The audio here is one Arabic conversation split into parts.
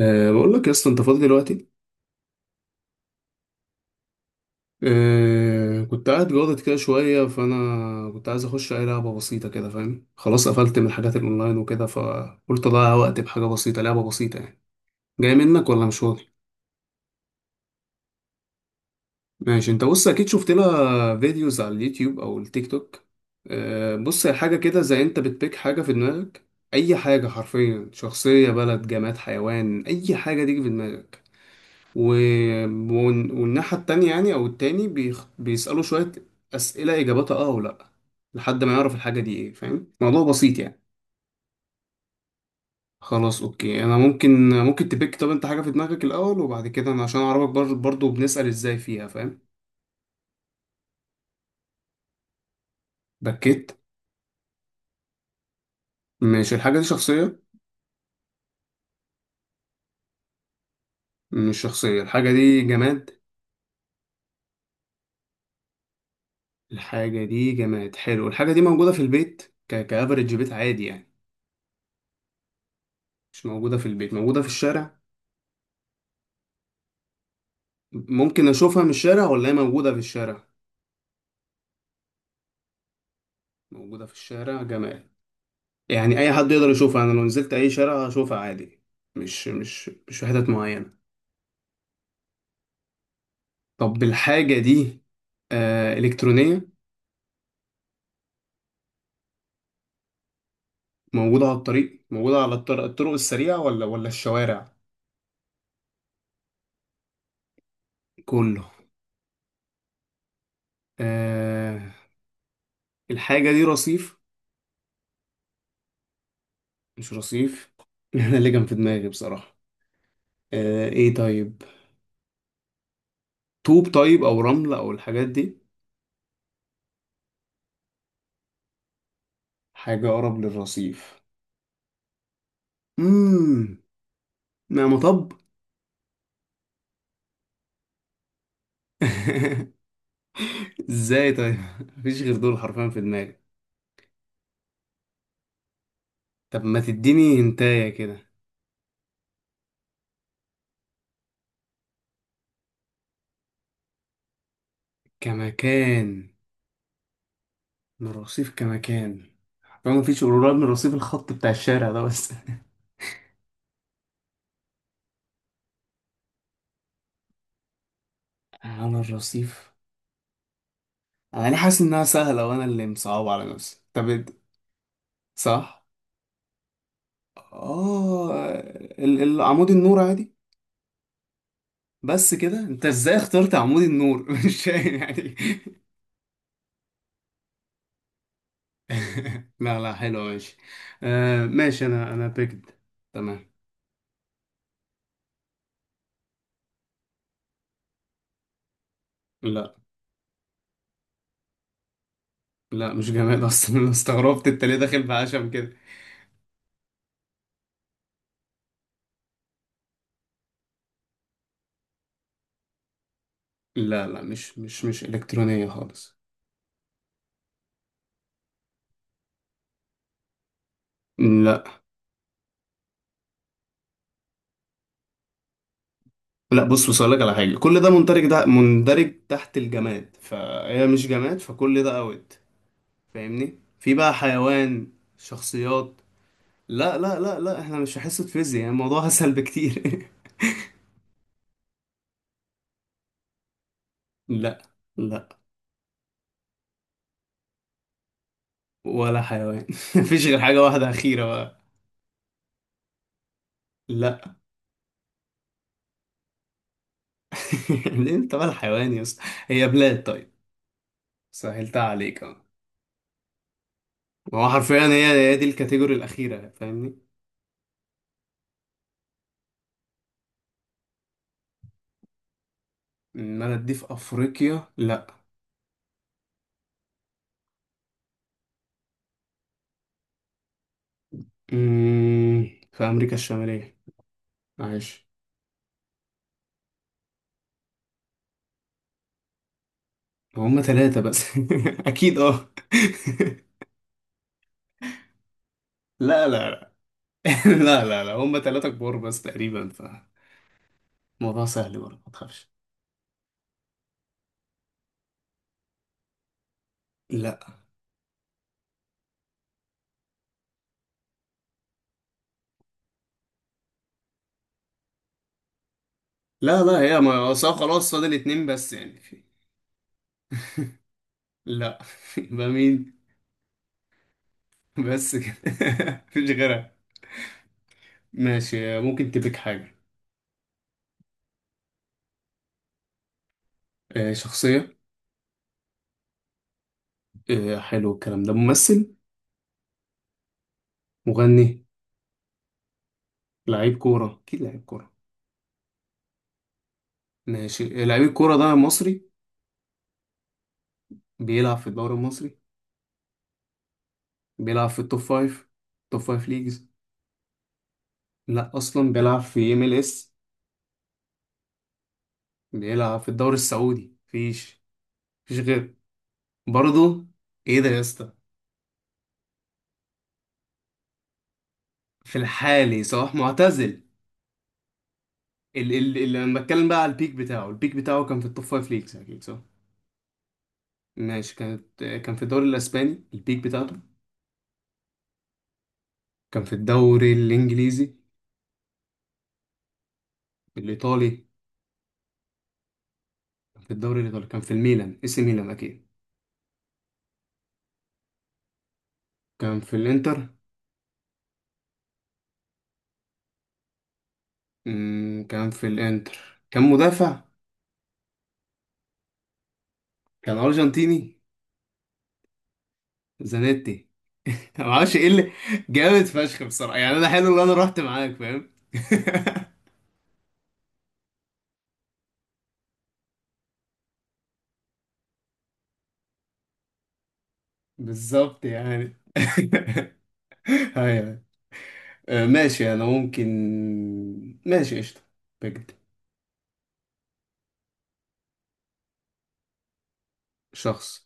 بقول لك يا اسطى، انت فاضي دلوقتي؟ كنت قاعد جاضد كده شويه، فانا كنت عايز اخش اي لعبه بسيطه كده فاهم. خلاص قفلت من الحاجات الاونلاين وكده، فقلت اضيع وقت بحاجه بسيطه، لعبه بسيطه يعني. جاي منك ولا مش فاضي؟ ماشي، انت بص، اكيد شفت لها فيديوز على اليوتيوب او التيك توك. بص، هي حاجه كده زي انت بتبيك حاجه في دماغك. اي حاجه حرفيا، شخصيه، بلد، جماد، حيوان، اي حاجه تيجي في دماغك. و... والناحية التانية يعني أو التاني بيسألوا شوية أسئلة إجاباتها آه ولأ، لحد ما يعرف الحاجة دي إيه. فاهم؟ موضوع بسيط يعني. خلاص أوكي، أنا ممكن تبيك. طب أنت حاجة في دماغك الأول وبعد كده أنا عشان أعرفك برضو بنسأل إزاي فيها. فاهم؟ بكيت. مش الحاجة دي شخصية. مش شخصية. الحاجة دي جماد. الحاجة دي جماد، حلو. الحاجة دي موجودة في البيت، كأفريج بيت عادي يعني؟ مش موجودة في البيت، موجودة في الشارع. ممكن أشوفها من الشارع ولا هي موجودة في الشارع؟ موجودة في الشارع، جمال. يعني أي حد يقدر يشوفها، أنا لو نزلت أي شارع هشوفها عادي، مش في حتت معينة. طب الحاجة دي إلكترونية؟ موجودة على الطريق، موجودة على الطرق السريعة ولا الشوارع؟ كله. آه الحاجة دي رصيف. مش رصيف أنا اللي كان في دماغي بصراحة. إيه طيب؟ طوب طيب أو رمل أو الحاجات دي؟ حاجة أقرب للرصيف. مم. ما مطب؟ ازاي طيب مفيش غير دول حرفيا في دماغي. طب ما تديني هنتايه كده. كمكان من الرصيف، كمكان. حرفيا مفيش قريب من الرصيف، الخط بتاع الشارع ده بس. على الرصيف؟ انا ليه حاسس انها سهله وانا اللي مصعب على نفسي؟ طب صح. اه. عمود النور عادي؟ بس كده؟ انت ازاي اخترت عمود النور مش فاهم يعني. لا لا، حلو ماشي. ماشي، انا بيكد. تمام. لا لا مش جماد اصلا. انا استغربت انت ليه داخل بعشم كده. لا لا مش الكترونيه خالص. لا لا، بص بص اقول لك على حاجه، كل ده مندرج، ده مندرج تحت الجماد، فهي مش جماد، فكل ده اوت. فاهمني؟ في بقى حيوان، شخصيات. لا لا لا لا، احنا مش في حصه فيزياء يعني، الموضوع اسهل بكتير. لا لا، ولا حيوان. مفيش غير حاجه واحده اخيره بقى. لا. ليه انت بقى الحيوان يا اسطى؟ هي بلاد طيب، سهلتها عليك. ما هو حرفيا هي دي الكاتيجوري الأخيرة فاهمني. إنما دي في أفريقيا لأ. مم، في أمريكا الشمالية، معلش. هما تلاتة بس أكيد أه. لا لا لا. لا لا لا، هما تلاتة كبار بس تقريبا، فالموضوع سهل برضه، ما تخافش. لا لا لا، هي ما أصل خلاص فاضل اتنين بس يعني في. لا. يبقى مين؟ بس كده. مفيش غيرها. ماشي، ممكن تبيك حاجة. آه، شخصية. آه، حلو. الكلام ده ممثل؟ مغني؟ لعيب كورة، أكيد لعيب كورة. ماشي، لعيب الكورة ده مصري؟ بيلعب في الدوري المصري؟ بيلعب في التوب فايف، توب فايف ليجز؟ لا أصلا، بيلعب في ام ال اس؟ بيلعب في الدوري السعودي؟ مفيش. مفيش غير. برضه؟ إيه ده يا اسطى؟ في الحالي صلاح معتزل. ال ال ال أنا بتكلم بقى على البيك بتاعه، البيك بتاعه كان في التوب فايف ليجز أكيد، صح؟ ماشي، كان في الدوري الأسباني البيك بتاعته؟ كان في الدوري الإنجليزي؟ الإيطالي. كان في الدوري الإيطالي، كان في الميلان، اسم ميلان أكيد. كان في الانتر. مم، كان في الانتر. كان مدافع. كان ارجنتيني. زانيتي. ما اعرفش ايه اللي، جامد فشخ بصراحه يعني، انا حلو ان انا رحت معاك فاهم. بالظبط يعني. ايوه. آه، ماشي انا ممكن. ماشي قشطه، بجد. شخص.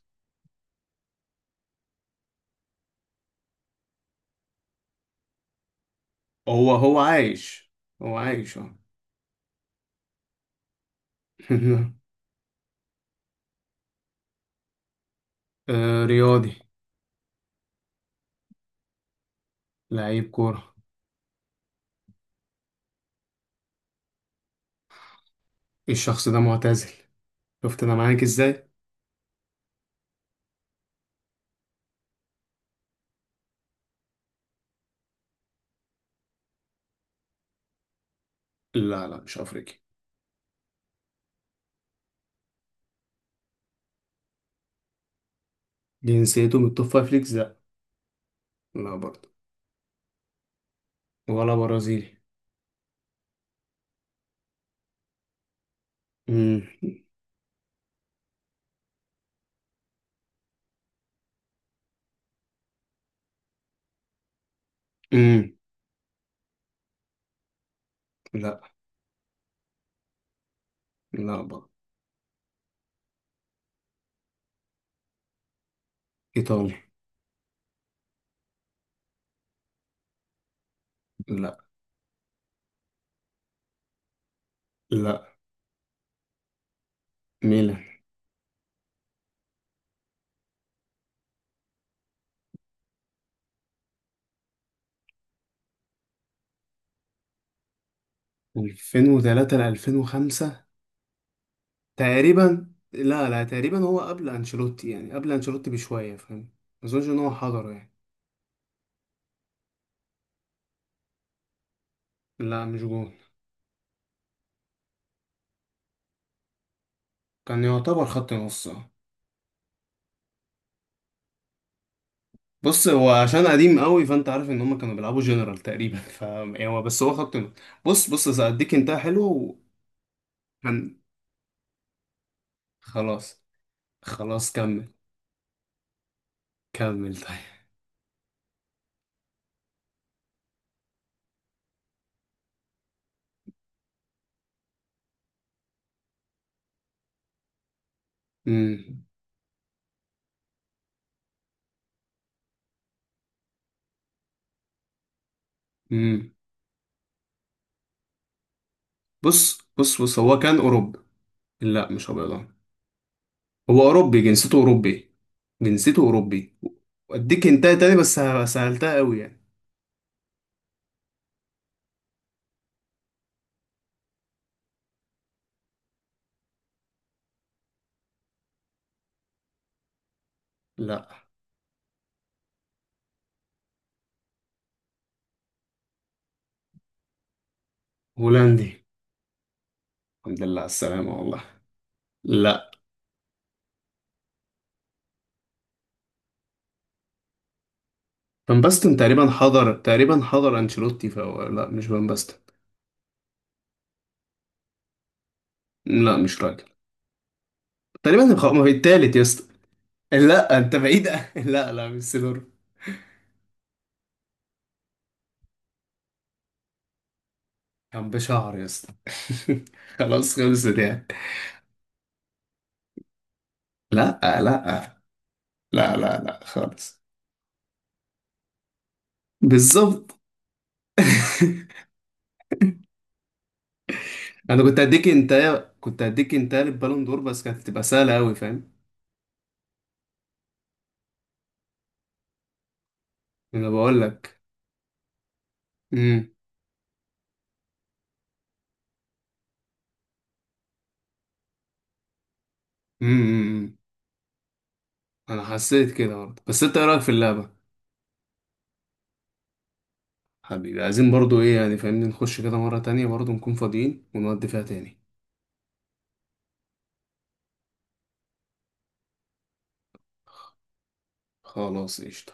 هو عايش. هو عايش اه. آه، رياضي. لعيب كوره. الشخص ده معتزل. شفت انا معاك ازاي؟ لا لا مش افريقي. جنسيته من التوب فايف ليجز، لا. لا برضه. ولا برازيلي. امم. امم. لا لا برضه. ايطالي. لا. لا. ميلان. 2003 ل 2005؟ تقريبا لا، لا تقريبا هو قبل انشيلوتي، يعني قبل انشيلوتي بشويه فاهم. ما اظنش ان هو حضره يعني. لا مش جون. كان يعتبر خط نص آه. بص، هو عشان قديم قوي، فانت عارف ان هم كانوا بيلعبوا جنرال تقريبا ف يعني هو بس هو خط نص. بص بص هديك انت، حلو. وكان. خلاص. خلاص كمل. كمل طيب. امم. امم. بص بص بص، هو كان أوروبي. لا مش أبيضان. هو أوروبي، جنسيته أوروبي. جنسيته أوروبي. وأديك انتهى تاني بس سهلتها أوي يعني. لا. هولندي. الحمد لله على السلامة والله. لا. فان باستن تقريبا حضر، تقريبا حضر أنشيلوتي، فهو لا مش فان باستن. لا مش راجل. تقريبا ما في التالت يا اسطى؟ لا انت بعيد. لا لا مش سيدور. كان بشعر يا اسطى. خلاص خلصت يعني. لا لا لا لا لا خالص. بالظبط. انا كنت هديك انت للبالون دور، بس كانت هتبقى سهله قوي فاهم. انا بقول لك. امم. امم. انا حسيت كده برضه، بس انت ايه رايك في اللعبه؟ حبيبي، عايزين برضه ايه يعني فاهمني، نخش كده مره تانية برضه، نكون فاضيين ونودي فيها تاني. خلاص قشطه.